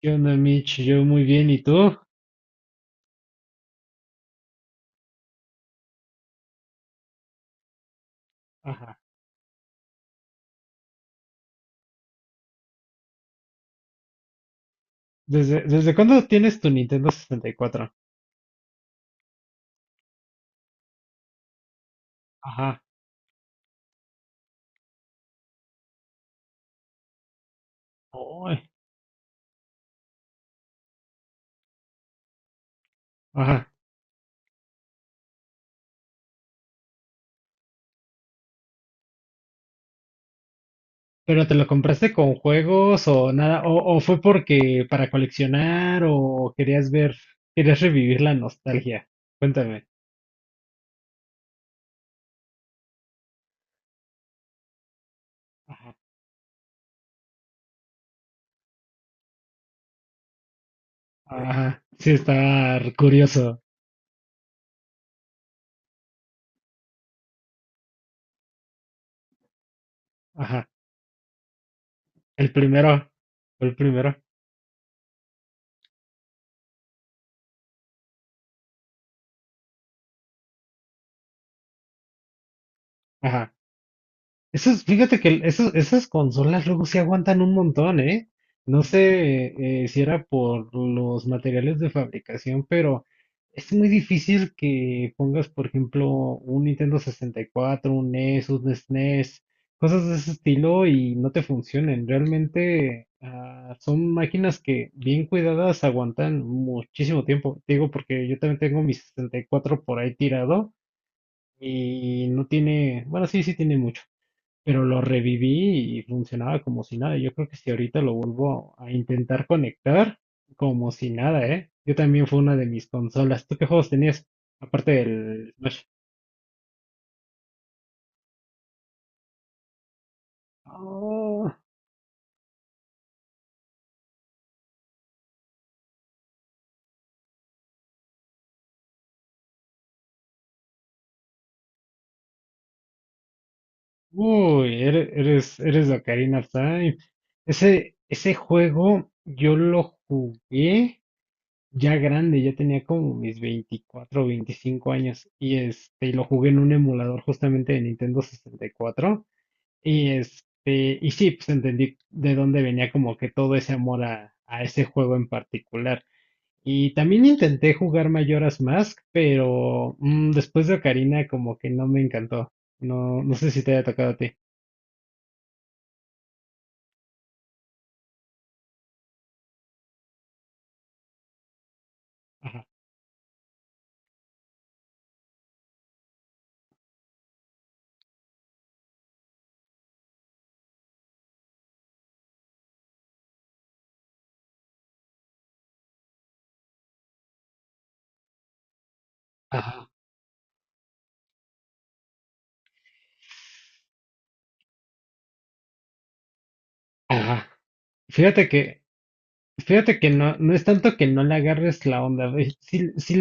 ¿Qué onda, Mitch? Yo muy bien, ¿y tú? Ajá. ¿Desde cuándo tienes tu Nintendo 64? Ajá. Uy, ajá. ¿Pero te lo compraste con juegos o nada? ¿O fue porque para coleccionar o querías ver, querías revivir la nostalgia? Cuéntame. Ajá. Ajá. Sí, está curioso. Ajá. El primero. Fue el primero. Ajá. Esos, fíjate que esas consolas luego sí aguantan un montón, ¿eh? No sé si era por los materiales de fabricación, pero es muy difícil que pongas, por ejemplo, un Nintendo sesenta y cuatro, un NES, un SNES, cosas de ese estilo y no te funcionen. Realmente son máquinas que bien cuidadas aguantan muchísimo tiempo. Te digo, porque yo también tengo mi sesenta y cuatro por ahí tirado y no tiene, bueno, sí, sí tiene mucho, pero lo reviví y funcionaba como si nada. Yo creo que si ahorita lo vuelvo a intentar conectar, como si nada, ¿eh? Yo también fue una de mis consolas. ¿Tú qué juegos tenías? Aparte del Smash. Oh, uy, eres de Ocarina of Time. Ese juego yo lo jugué ya grande, ya tenía como mis 24 o 25 años y y lo jugué en un emulador justamente de Nintendo 64. Y y sí, pues entendí de dónde venía como que todo ese amor a ese juego en particular. Y también intenté jugar Majora's Mask, pero después de Ocarina como que no me encantó. No, no sé si te haya tocado a ti. Ajá, ajá, ajá. Fíjate que, fíjate que no, no es tanto que no le agarres la onda, güey. Sí, sí,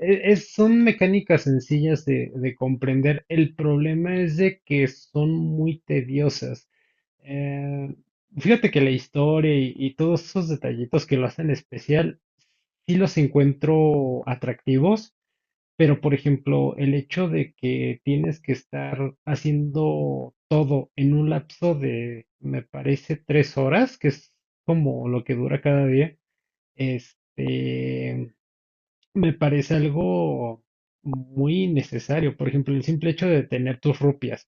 es, son mecánicas sencillas de comprender. El problema es de que son muy tediosas. Eh, fíjate que la historia y todos esos detallitos que lo hacen especial, sí los encuentro atractivos, pero por ejemplo, el hecho de que tienes que estar haciendo todo en un lapso de, me parece, tres horas, que es como lo que dura cada día, este, me parece algo muy innecesario. Por ejemplo, el simple hecho de tener tus rupias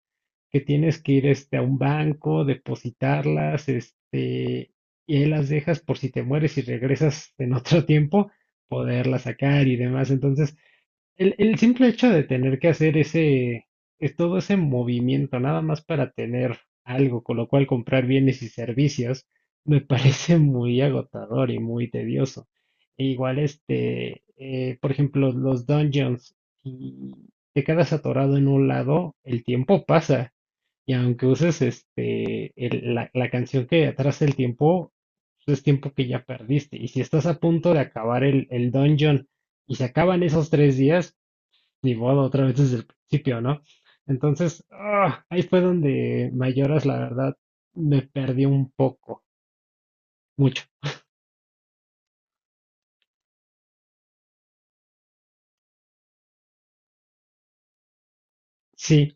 que tienes que ir a un banco, depositarlas, y ahí las dejas por si te mueres y regresas en otro tiempo, poderlas sacar y demás. Entonces, el simple hecho de tener que hacer ese, es todo ese movimiento, nada más para tener algo, con lo cual comprar bienes y servicios, me parece muy agotador y muy tedioso. E igual, por ejemplo, los dungeons, y te quedas atorado en un lado, el tiempo pasa, y aunque uses la, la canción que atrasa el tiempo, pues es tiempo que ya perdiste. Y si estás a punto de acabar el dungeon y se acaban esos tres días, ni modo, otra vez desde el principio, ¿no? Entonces, ahí fue donde Mayoras, la verdad, me perdí un poco, mucho. Sí,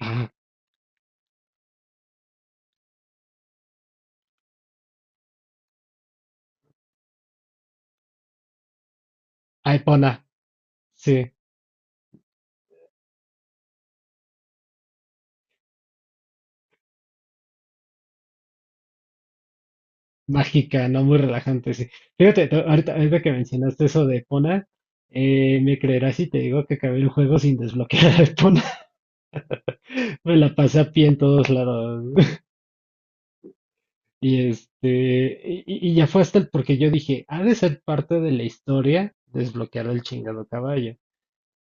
ah, Epona, sí, mágica, no muy relajante, sí. Fíjate, ahorita, ahorita que mencionaste eso de Epona, me creerás si te digo que acabé el juego sin desbloquear a Epona. Me la pasé a pie en todos lados. Y y ya fue hasta el porque yo dije, ha de ser parte de la historia desbloquear el chingado caballo.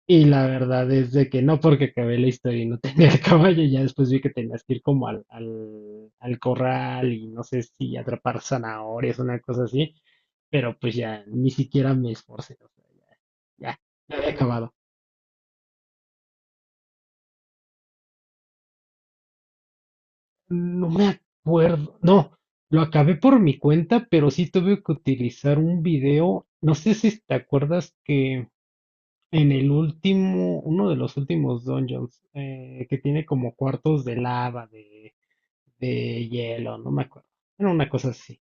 Y la verdad es de que no, porque acabé la historia y no tenía el caballo, ya después vi que tenías que ir como al corral y no sé si atrapar zanahorias, una cosa así, pero pues ya ni siquiera me esforcé, o sea, ya, ya, ya había acabado. No me acuerdo. No, lo acabé por mi cuenta, pero sí tuve que utilizar un video. No sé si te acuerdas que en el último, uno de los últimos dungeons, que tiene como cuartos de lava, de hielo, no me acuerdo. Era una cosa así.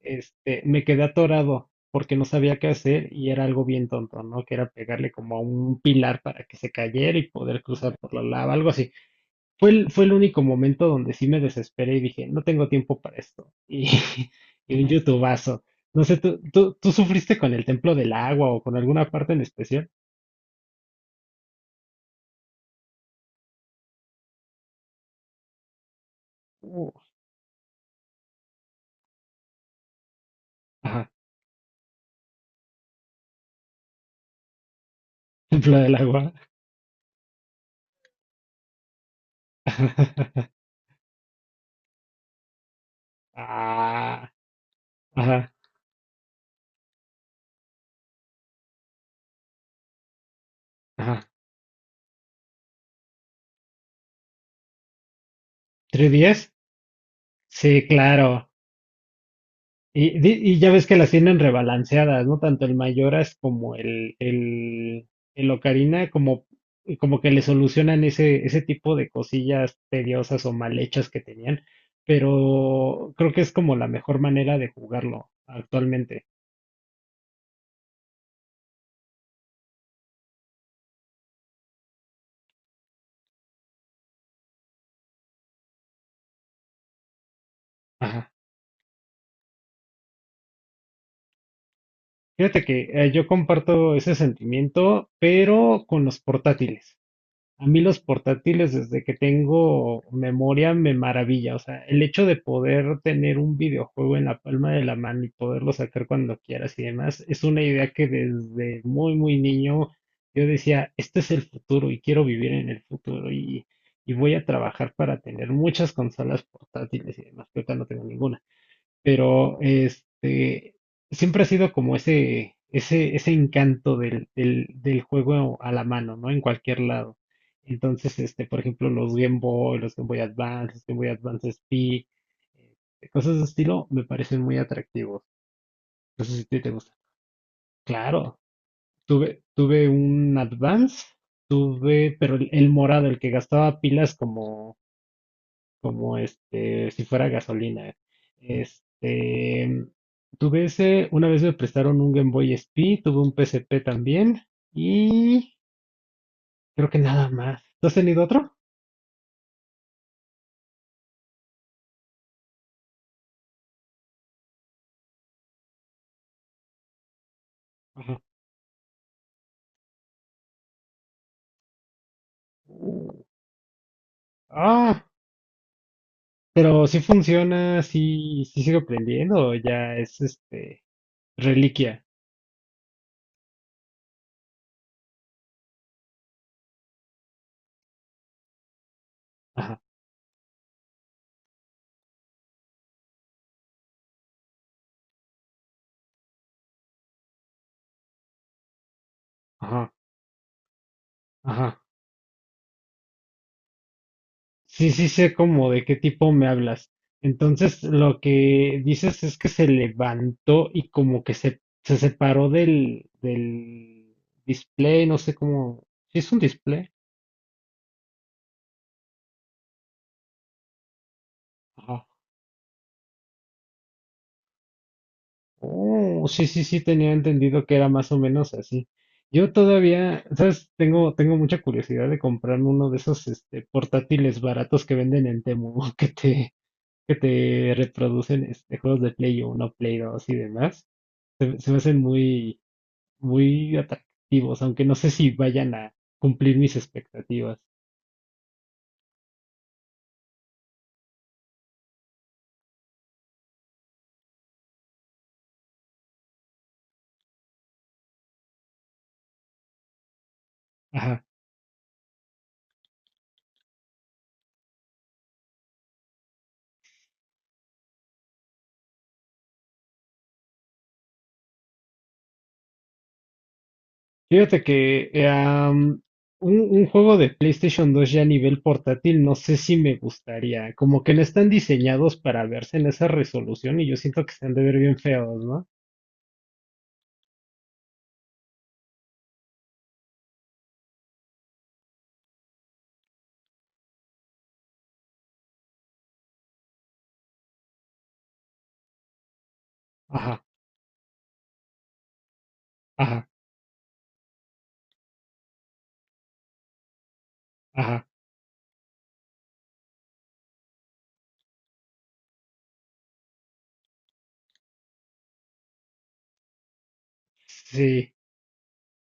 Me quedé atorado porque no sabía qué hacer y era algo bien tonto, ¿no? Que era pegarle como a un pilar para que se cayera y poder cruzar por la lava, algo así. Fue fue el único momento donde sí me desesperé y dije, no tengo tiempo para esto. Y y un youtubazo. No sé, tú sufriste con el Templo del Agua o con alguna parte en especial? Uh, Ajá, Templo del Agua. Ah, ajá, ajá. ¿310? Sí, claro. Y, y ya ves que las tienen rebalanceadas, ¿no? Tanto el Mayoras como el Ocarina, como que le solucionan ese, ese tipo de cosillas tediosas o mal hechas que tenían. Pero creo que es como la mejor manera de jugarlo actualmente. Ajá. Fíjate que yo comparto ese sentimiento, pero con los portátiles. A mí los portátiles, desde que tengo memoria, me maravilla. O sea, el hecho de poder tener un videojuego en la palma de la mano y poderlo sacar cuando quieras y demás, es una idea que desde muy, muy niño yo decía, este es el futuro y quiero vivir en el futuro, y voy a trabajar para tener muchas consolas portátiles y demás, que ahorita no tengo ninguna, pero siempre ha sido como ese encanto del juego a la mano, ¿no? En cualquier lado. Entonces, por ejemplo, los Game Boy Advance, los Game Boy Advance SP, cosas de estilo, me parecen muy atractivos. No sé si a ti te gusta. Claro, tuve un Advance, tuve, pero el morado, el que gastaba pilas como, este, si fuera gasolina. Este, tuve ese, una vez me prestaron un Game Boy SP, tuve un PSP también, y creo que nada más. ¿Tú has tenido otro? Ajá. Ah, pero si funciona, si sigo aprendiendo, o ya es este reliquia. Ajá, ajá, ajá. Sí, sí sé como de qué tipo me hablas. Entonces, lo que dices es que se levantó y como que se separó del display, no sé cómo. ¿Sí es un display? Ajá. Oh, sí, sí, sí, tenía entendido que era más o menos así. Yo todavía, ¿sabes? Tengo mucha curiosidad de comprarme uno de esos portátiles baratos que venden en Temu, que te reproducen juegos de Play uno Play dos y demás. Se me hacen muy muy atractivos, aunque no sé si vayan a cumplir mis expectativas. Ajá. Fíjate que un juego de PlayStation 2 ya a nivel portátil, no sé si me gustaría. Como que no están diseñados para verse en esa resolución y yo siento que se han de ver bien feos, ¿no? Ajá, ajá, ajá. Sí,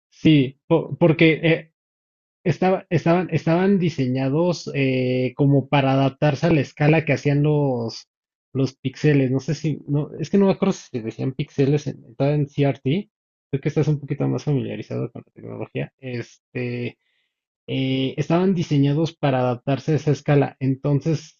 sí, porque estaban diseñados como para adaptarse a la escala que hacían los píxeles. No sé si, no, es que no me acuerdo si se decían píxeles en, estaba en CRT. Creo que estás un poquito más familiarizado con la tecnología. Estaban diseñados para adaptarse a esa escala. Entonces,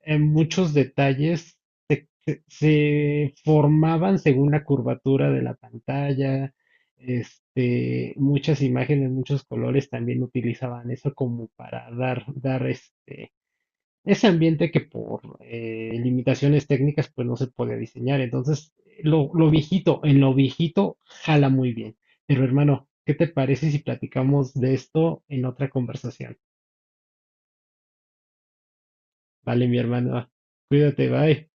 en muchos detalles se, se formaban según la curvatura de la pantalla. Muchas imágenes, muchos colores también utilizaban eso como para dar ese ambiente que por limitaciones técnicas pues no se podía diseñar. Entonces, lo viejito, en lo viejito jala muy bien. Pero hermano, ¿qué te parece si platicamos de esto en otra conversación? Vale, mi hermano, cuídate, bye.